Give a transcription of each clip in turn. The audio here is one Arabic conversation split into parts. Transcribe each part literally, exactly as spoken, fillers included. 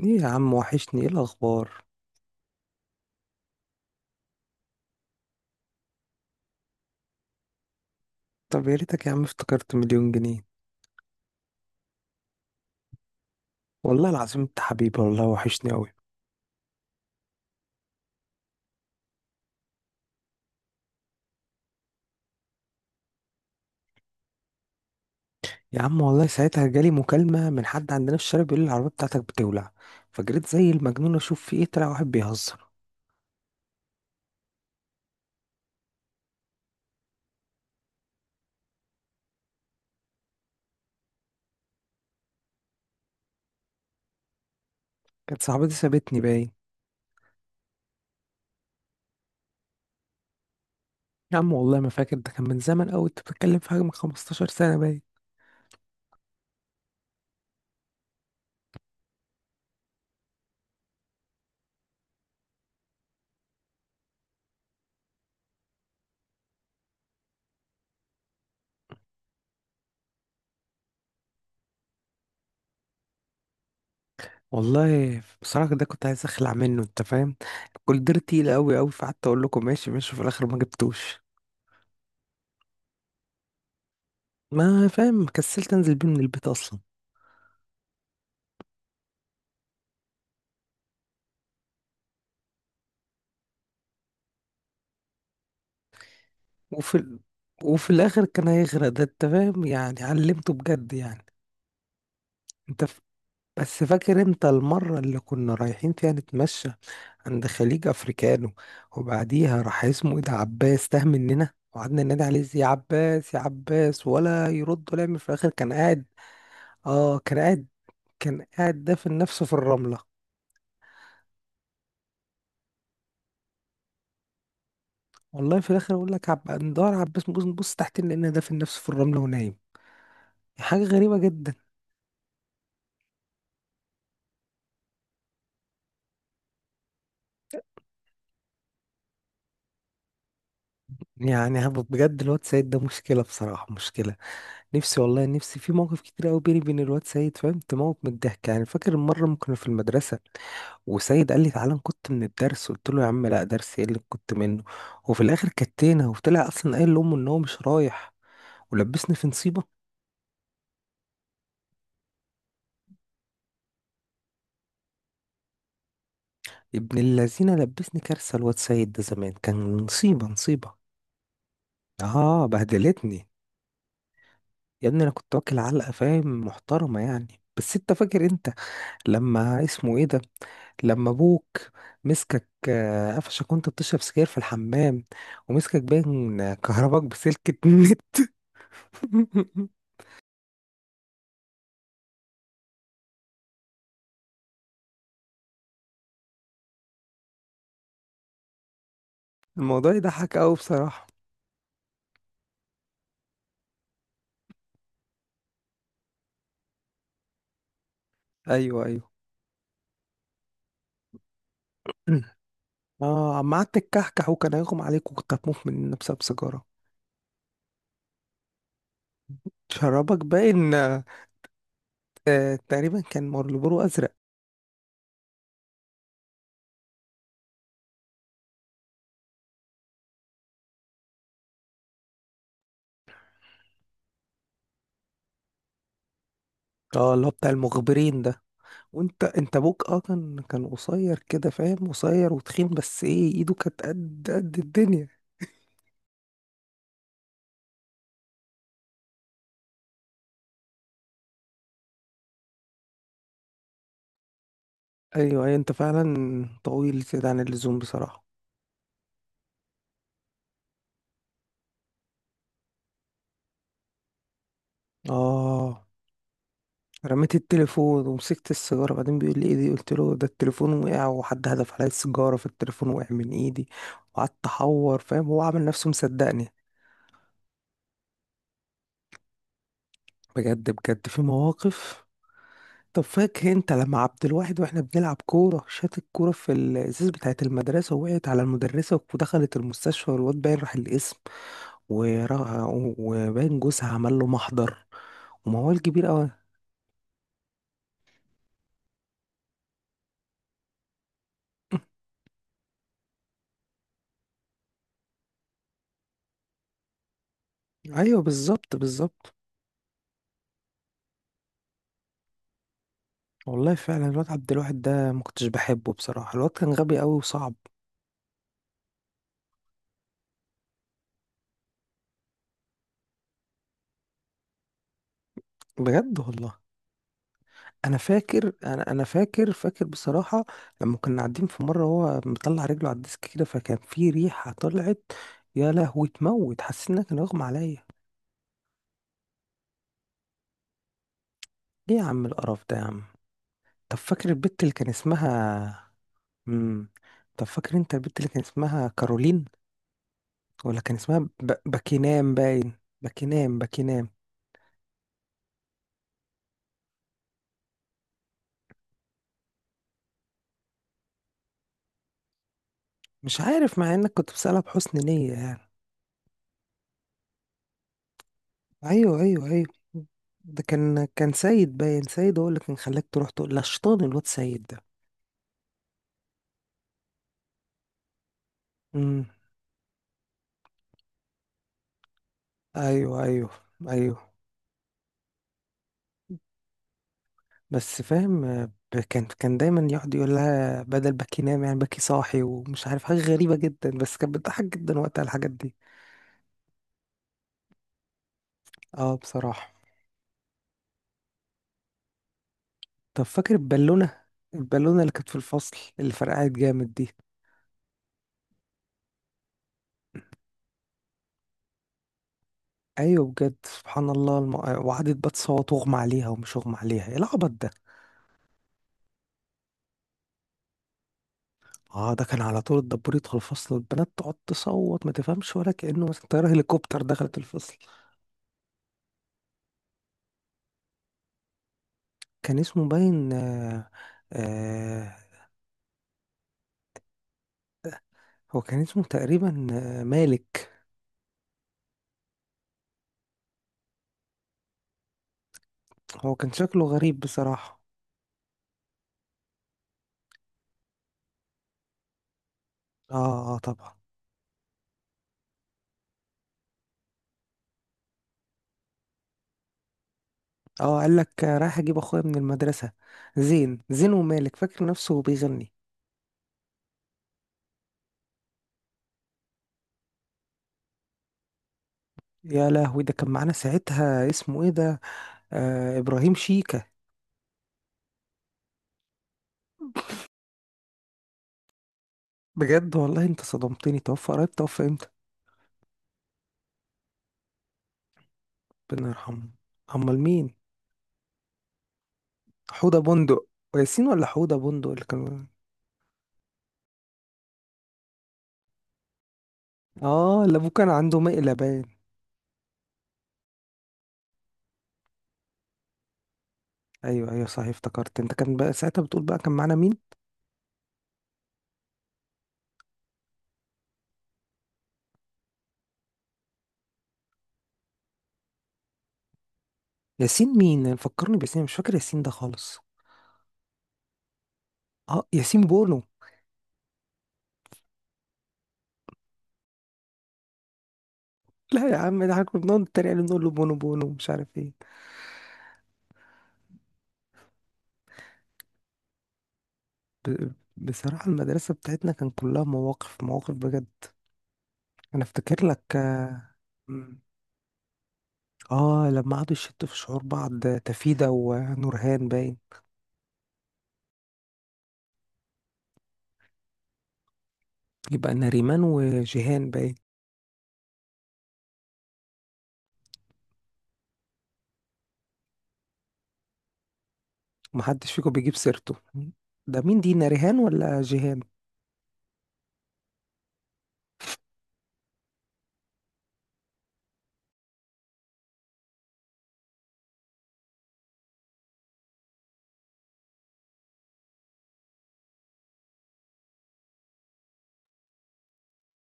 ايه يا عم، وحشني. ايه الاخبار؟ طب يا ريتك يا عم، افتكرت مليون جنيه. والله العظيم انت حبيبي والله، وحشني قوي. يا عم والله ساعتها جالي مكالمة من حد عندنا في الشارع بيقول لي العربية بتاعتك بتولع. فجريت زي المجنون اشوف في ايه، طلع واحد بيهزر. كانت صاحبتي سابتني باين. يا عم والله ما فاكر، ده كان من زمن قوي، انت بتتكلم في حاجة من خمسة عشر سنة باين. والله بصراحة ده كنت عايز اخلع منه، انت فاهم. كل دير تقيل قوي قوي، فقعدت اقول لكم ماشي ماشي، وفي الاخر ما جبتوش. ما فاهم، كسلت انزل بيه من البيت اصلا. وفي ال... وفي الاخر كان هيغرق، ده انت فاهم يعني، علمته بجد يعني. انت ف... بس فاكر انت المرة اللي كنا رايحين فيها نتمشى عند خليج افريكانو، وبعديها راح اسمه ايه ده، عباس، تاه مننا وقعدنا ننادي عليه يا عباس يا عباس، ولا يرد ولا يعمل. في الاخر كان قاعد. اه كان قاعد. كان قاعد دافن نفسه في الرملة. والله في الاخر اقول لك، عب... ندور على عباس، نبص نبص تحت، لان دافن نفسه في الرملة ونايم. حاجة غريبة جدا. يعني هب- بجد الواد سيد ده مشكلة بصراحة، مشكلة. نفسي والله، نفسي في مواقف كتير قوي بيني وبين الواد سيد، فاهم، تموت من الضحك يعني. فاكر مرة ما كنا في المدرسة، وسيد قال لي تعالى نكت من الدرس، قلت له يا عم لا، درس ايه اللي كنت منه. وفي الاخر كتينا، وطلع اصلا قايل لامه ان هو مش رايح، ولبسني في نصيبة. ابن اللذينة لبسني كارثة، الواد سيد ده زمان كان نصيبة نصيبة. اه، بهدلتني. يا ابني انا كنت واكل علقة فاهم، محترمة يعني. بس انت فاكر انت لما اسمه ايه ده، لما ابوك مسكك آه، قفشك وانت بتشرب سجاير في الحمام، ومسكك باين كهرباك بسلكة النت. الموضوع يضحك قوي بصراحة. ايوه ايوه. اه عم، قعدت تكحكح وكان هيغم عليك، وكنت هتموت مننا بسبب سيجارة. شربك باين آه، آه، تقريبا كان مارلبورو ازرق. اه، اللي هو بتاع المخبرين ده. وانت انت ابوك اه كان كان قصير كده فاهم، قصير وتخين، بس ايه، ايده كانت قد قد الدنيا. ايوه أيوة، انت فعلا طويل زيادة عن اللزوم بصراحة. اه، رميت التليفون ومسكت السيجارة، بعدين بيقول لي ايه دي، قلت له ده التليفون وقع، وحد هدف عليا السيجارة فالتليفون وقع من ايدي. وقعدت احور فاهم، هو عامل نفسه مصدقني. بجد بجد في مواقف. طب فاكر انت لما عبد الواحد، واحنا بنلعب كورة، شات الكورة في الازاز بتاعة المدرسة، ووقعت على المدرسة ودخلت المستشفى، والواد باين راح القسم. ورا- وباين جوزها عمل له محضر وموال كبير قوي. ايوه بالظبط بالظبط. والله فعلا الواد عبد الواحد ده ما كنتش بحبه بصراحه، الواد كان غبي قوي وصعب. بجد والله. انا فاكر، انا انا فاكر، فاكر بصراحه، لما كنا قاعدين في مره، هو مطلع رجله على الديسك كده، فكان في ريحه طلعت. يا لهوي تموت، حسيت انها كان اغمى عليا. ليه يا عم القرف ده يا عم؟ طب فاكر البت اللي كان اسمها، امم، طب فاكر انت البت اللي كان اسمها كارولين، ولا كان اسمها ب... باكينام باين. باكينام باكينام. مش عارف، مع انك كنت بسألها بحسن نية يعني. ايوه ايوه ايوه. ده كان كان سيد باين، سيد هو اللي كان خلاك تروح تقول، لا شيطان الواد سيد ده. امم. ايوه ايوه ايوه. بس فاهم آه، ب- كان كان دايما يقعد يقول لها بدل باكي نام يعني باكي صاحي، ومش عارف، حاجة غريبة جدا، بس كانت بتضحك جدا وقتها الحاجات دي. اه بصراحة. طب فاكر البالونة، البالونة اللي كانت في الفصل اللي فرقعت جامد دي. ايوه بجد سبحان الله، الم... وقعدت بقى تصوت، واغمى عليها ومش اغمى عليها، ايه العبط ده. اه ده كان على طول الدبور يدخل الفصل والبنات تقعد تصوت، ما تفهمش، ولا كأنه مثلا طيارة هليكوبتر دخلت الفصل. كان اسمه باين آه، آه. هو كان اسمه تقريبا آه مالك. هو كان شكله غريب بصراحة. اه اه طبعا. اه قال لك آه، رايح اجيب اخويا من المدرسة، زين زين، ومالك فاكر نفسه بيغني. يا لهوي ده كان معانا ساعتها اسمه ايه ده، آه ابراهيم شيكة. بجد والله انت صدمتني، توفى قريب؟ توفى امتى؟ ربنا يرحمه. امال مين؟ حوضة بندق، ياسين ولا حوضة بندق اللي كان؟ اه اللي ابوه كان عنده مقلبان. ايوه ايوه صحيح افتكرت، انت كان بقى ساعتها بتقول بقى كان معانا مين؟ ياسين مين فكرني بياسين، مش فاكر ياسين ده خالص. اه ياسين بونو. لا يا عم، ده احنا كنا بنقعد نتريق عليه نقول له بونو بونو، مش عارف ايه. ب... بصراحة المدرسة بتاعتنا كان كلها مواقف، مواقف بجد. انا افتكر لك اه. مم. آه، لما قعدوا يشتوا في شعور بعض، تفيدة ونورهان باين. يبقى نريمان وجيهان باين. محدش فيكم بيجيب سيرته؟ ده مين دي، ناريهان ولا جيهان؟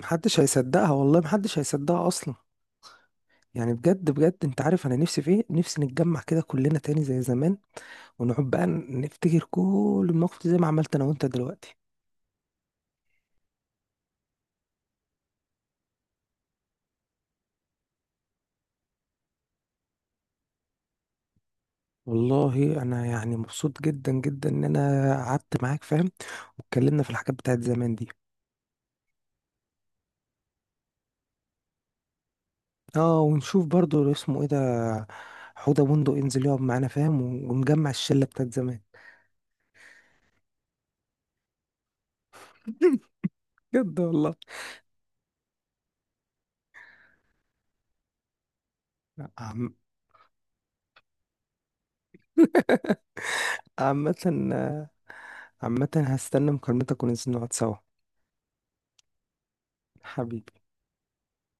محدش هيصدقها والله، محدش هيصدقها اصلا. يعني بجد بجد، انت عارف انا نفسي في ايه، نفسي نتجمع كده كلنا تاني زي زمان، ونقعد بقى نفتكر كل المواقف دي زي ما عملت انا وانت دلوقتي. والله انا يعني مبسوط جدا جدا ان انا قعدت معاك فاهم، واتكلمنا في الحاجات بتاعت زمان دي. اه ونشوف برضو اسمه ايه ده، حوده بندق، ينزل يقعد معانا فاهم، ونجمع الشله بتاعت زمان. بجد والله. عم- عامة، عامة هستنى مكالمتك وننزل نقعد سوا. حبيبي.